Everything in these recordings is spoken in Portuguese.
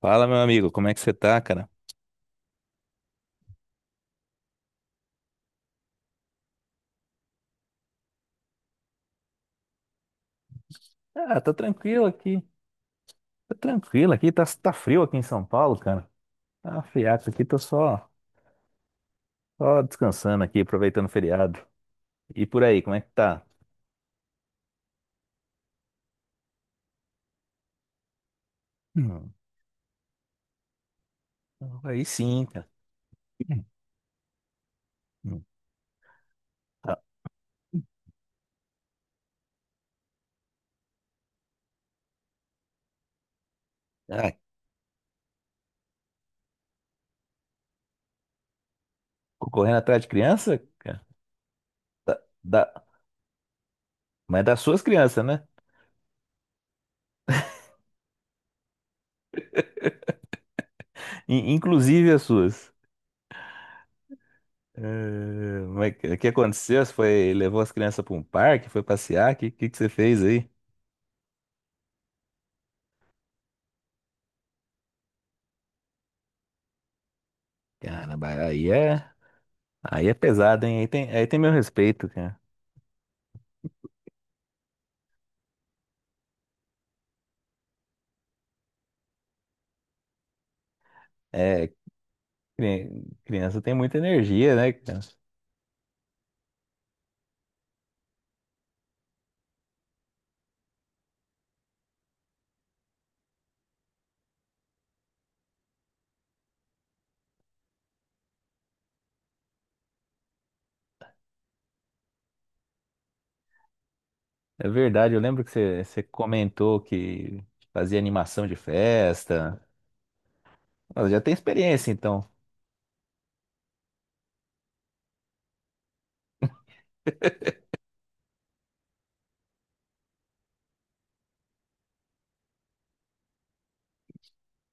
Fala, meu amigo, como é que você tá, cara? Ah, tô tranquilo aqui. Tô tranquilo aqui, tá, tá frio aqui em São Paulo, cara. Tá um friaco aqui, tô só descansando aqui, aproveitando o feriado. E por aí, como é que tá? Hum, aí sim, cara. Hum, tá. Ah, correndo atrás de criança, cara? Da, da- mas é das suas crianças, né? Inclusive as suas. Mas o que aconteceu? Você foi, levou as crianças pra um parque, foi passear? O que você fez aí? Caramba, aí é. Aí é pesado, hein? Aí tem meu respeito, cara. É, cri- criança tem muita energia, né, cara? É verdade, eu lembro que você comentou que fazia animação de festa. Nossa, já tem experiência, então.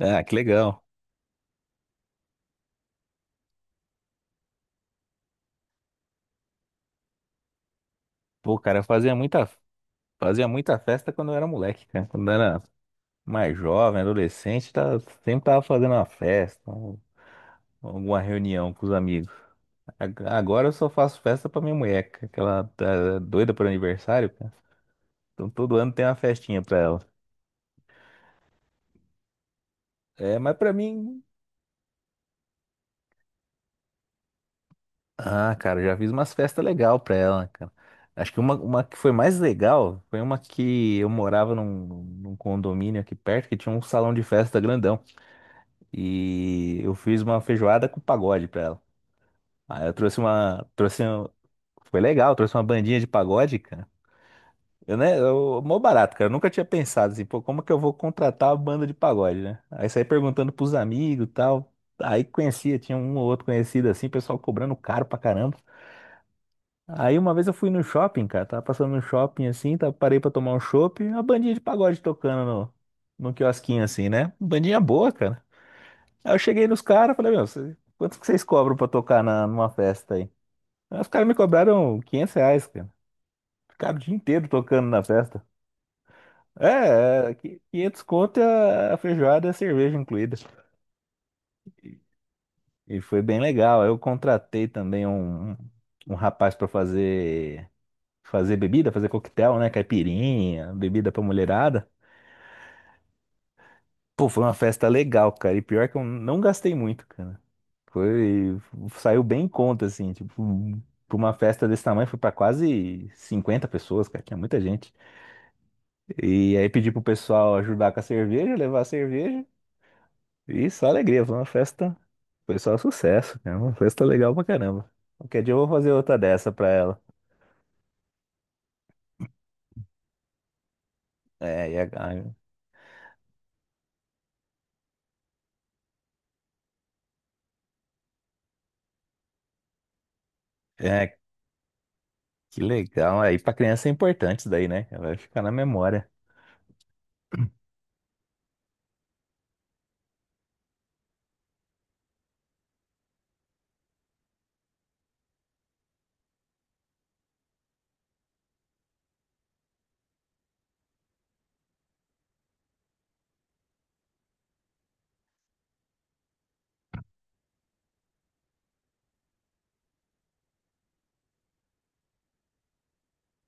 Ah, que legal. Pô, cara, eu fazia muita festa quando eu era moleque, cara. Quando eu era mais jovem, adolescente, tá, sempre tava fazendo uma festa, alguma reunião com os amigos. Agora eu só faço festa pra minha mulher, cara, que ela tá doida por aniversário, cara. Então todo ano tem uma festinha pra ela. É, mas pra mim. Ah, cara, já fiz umas festas legal pra ela, cara. Acho que uma que foi mais legal foi uma que eu morava num condomínio aqui perto que tinha um salão de festa grandão. E eu fiz uma feijoada com pagode pra ela. Aí eu trouxe uma. Foi legal, trouxe uma bandinha de pagode, cara. Eu, né, eu, mó barato, cara. Eu nunca tinha pensado assim, pô, como que eu vou contratar uma banda de pagode, né? Aí saí perguntando pros amigos e tal. Aí conhecia, tinha um ou outro conhecido assim, pessoal cobrando caro pra caramba. Aí uma vez eu fui no shopping, cara, tava passando no shopping assim, tava, parei pra tomar um chopp, a bandinha de pagode tocando no quiosquinho assim, né? Bandinha boa, cara. Aí eu cheguei nos caras, falei, meu, quanto que vocês cobram pra tocar numa festa aí? Aí os caras me cobraram 500 reais, cara. Ficaram o dia inteiro tocando na festa. É, é, 500 conto e a feijoada e a cerveja incluída. E foi bem legal. Eu contratei também um rapaz para fazer bebida, fazer coquetel, né? Caipirinha, bebida pra mulherada. Pô, foi uma festa legal, cara. E pior que eu não gastei muito, cara. Foi, saiu bem em conta, assim, tipo, pra uma festa desse tamanho foi pra quase 50 pessoas, cara, que é muita gente. E aí pedi pro pessoal ajudar com a cerveja, levar a cerveja. E só alegria, Foi só sucesso, né? Uma festa legal pra caramba. Qualquer dia eu vou fazer outra dessa pra ela. É, e é, que legal. Aí pra criança é importante isso daí, né? Ela vai ficar na memória.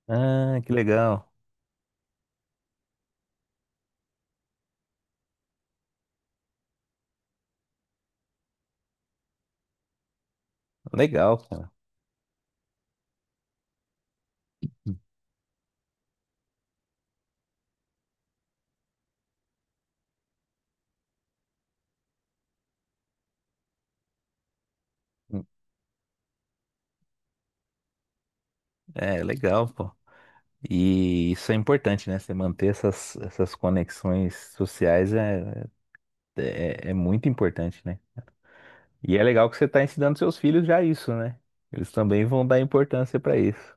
Ah, que legal. Legal, cara. É, legal, pô. E isso é importante, né? Você manter essas conexões sociais é muito importante, né? E é legal que você está ensinando seus filhos já isso, né? Eles também vão dar importância para isso.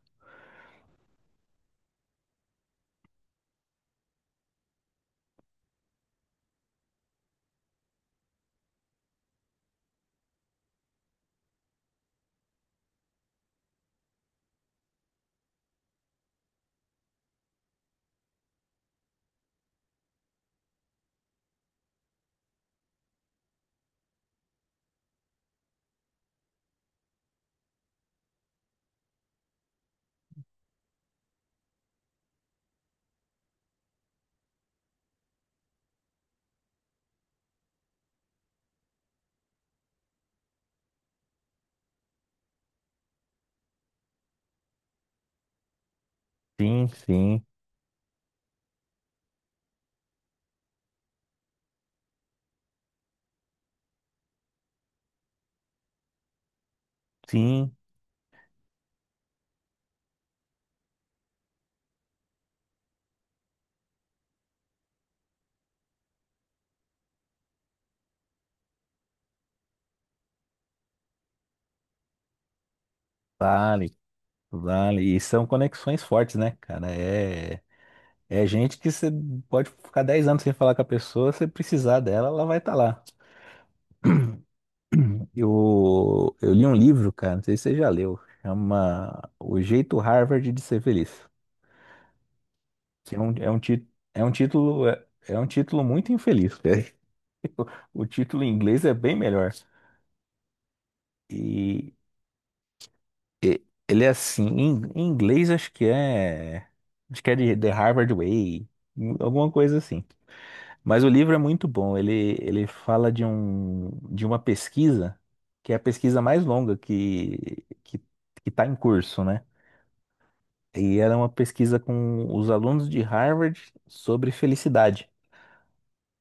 Sim, sim, sim, vale, vale. E são conexões fortes, né, cara? É, é gente que você pode ficar 10 anos sem falar com a pessoa, se precisar dela, ela vai estar lá. Eu li um livro, cara, não sei se você já leu, chama O Jeito Harvard de Ser Feliz, que é um, ti- é um título, é, é um título muito infeliz, cara. O título em inglês é bem melhor. E Ele é assim, em inglês acho que é. Acho que é de The Harvard Way, alguma coisa assim. Mas o livro é muito bom. Ele fala de uma pesquisa, que é a pesquisa mais longa que está em curso, né? E era uma pesquisa com os alunos de Harvard sobre felicidade.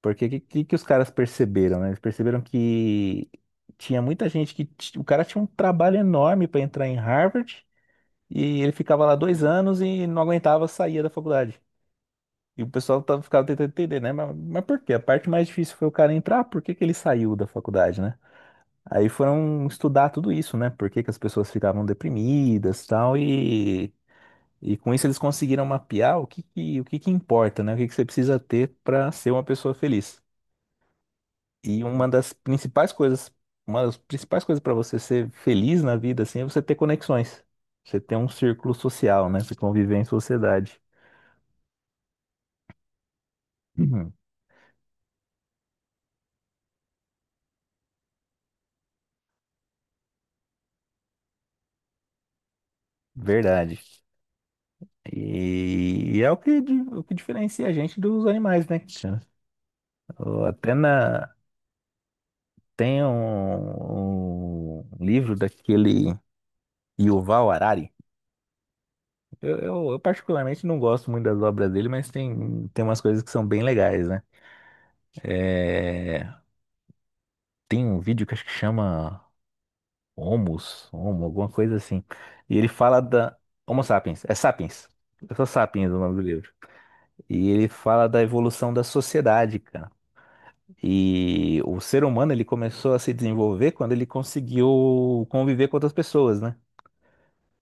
Porque o que os caras perceberam, né? Eles perceberam que tinha muita gente O cara tinha um trabalho enorme para entrar em Harvard. E ele ficava lá 2 anos e não aguentava, saía da faculdade. E o pessoal tava, ficava tentando entender, né? Mas por quê? A parte mais difícil foi o cara entrar, por que que ele saiu da faculdade, né? Aí foram estudar tudo isso, né? Por que que as pessoas ficavam deprimidas e tal, e com isso eles conseguiram mapear o que que importa, né? O que que você precisa ter para ser uma pessoa feliz. E uma das principais coisas, uma das principais coisas para você ser feliz na vida, assim, é você ter conexões. Você ter um círculo social, né? Você conviver em sociedade. Uhum. Verdade. E é o que diferencia a gente dos animais, né, Cristiano? Ou Até na, tem um livro daquele Yuval Harari. Eu particularmente não gosto muito das obras dele, mas tem umas coisas que são bem legais, né? É, tem um vídeo que acho que chama Homo, alguma coisa assim. E ele fala da Homo sapiens. É só sapiens é o nome do livro. E ele fala da evolução da sociedade, cara. E o ser humano ele começou a se desenvolver quando ele conseguiu conviver com outras pessoas, né?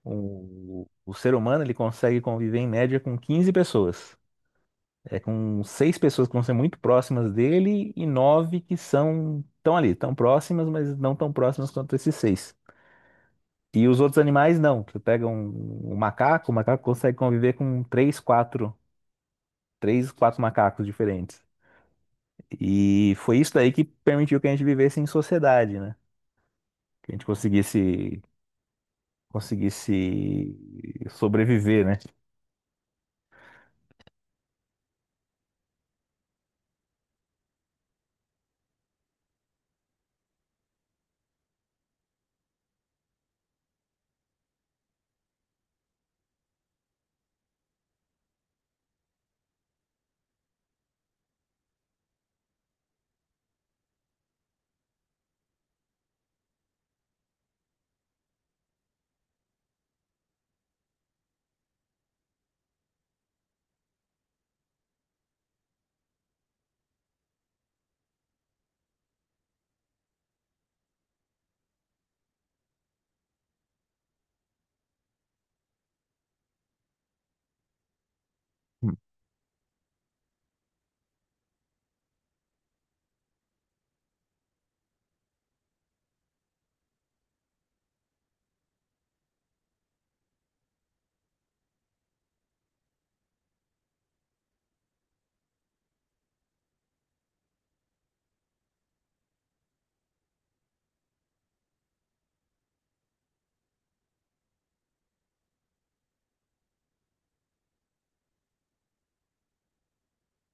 O ser humano ele consegue conviver em média com 15 pessoas. É com seis pessoas que vão ser muito próximas dele e nove que são tão ali, tão próximas, mas não tão próximas quanto esses seis. E os outros animais não. Você pega um macaco, o macaco consegue conviver com três, quatro macacos diferentes. E foi isso daí que permitiu que a gente vivesse em sociedade, né? Que a gente conseguisse, sobreviver, né?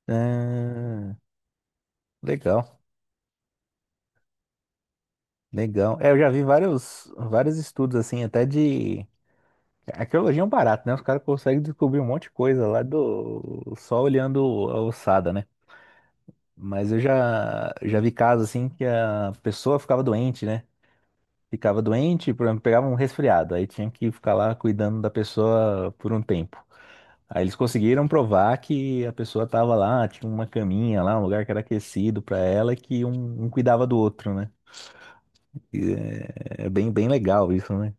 Ah, legal, legal. É, eu já vi vários, vários estudos assim, até de a arqueologia é um barato, né? Os caras conseguem descobrir um monte de coisa lá do só olhando a ossada, né? Mas eu já vi casos assim que a pessoa ficava doente, né? Ficava doente, por exemplo, pegava um resfriado, aí tinha que ficar lá cuidando da pessoa por um tempo. Aí eles conseguiram provar que a pessoa tava lá, tinha uma caminha lá, um lugar que era aquecido para ela, e que um cuidava do outro, né? E é bem legal isso, né?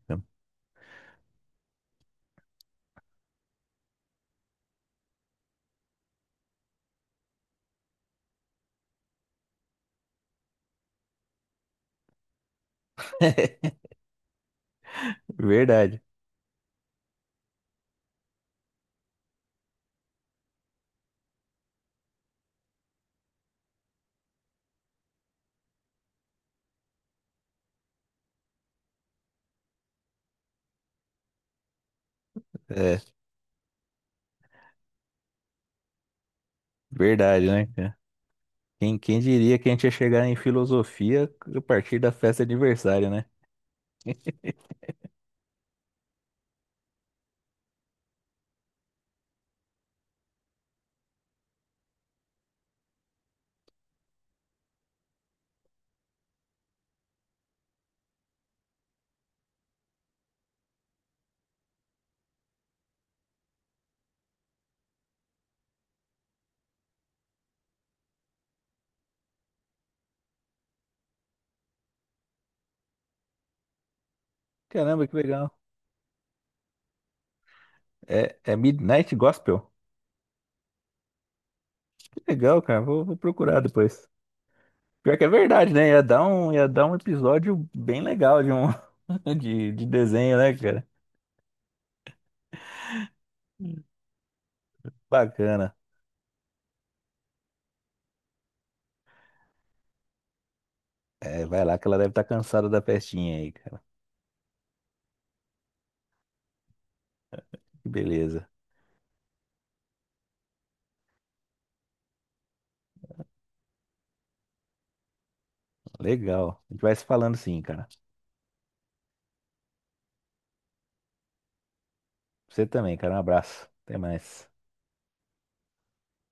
Verdade. É, verdade, né? Cara? Quem diria que a gente ia chegar em filosofia a partir da festa de aniversário, né? Caramba, que legal. É Midnight Gospel? Que legal, cara. Vou procurar depois. Pior que é verdade, né? Ia dar um episódio bem legal de um de desenho, né, cara? Bacana. É, vai lá que ela deve estar cansada da festinha aí, cara. Que beleza. Legal. A gente vai se falando sim, cara. Você também, cara. Um abraço. Até mais.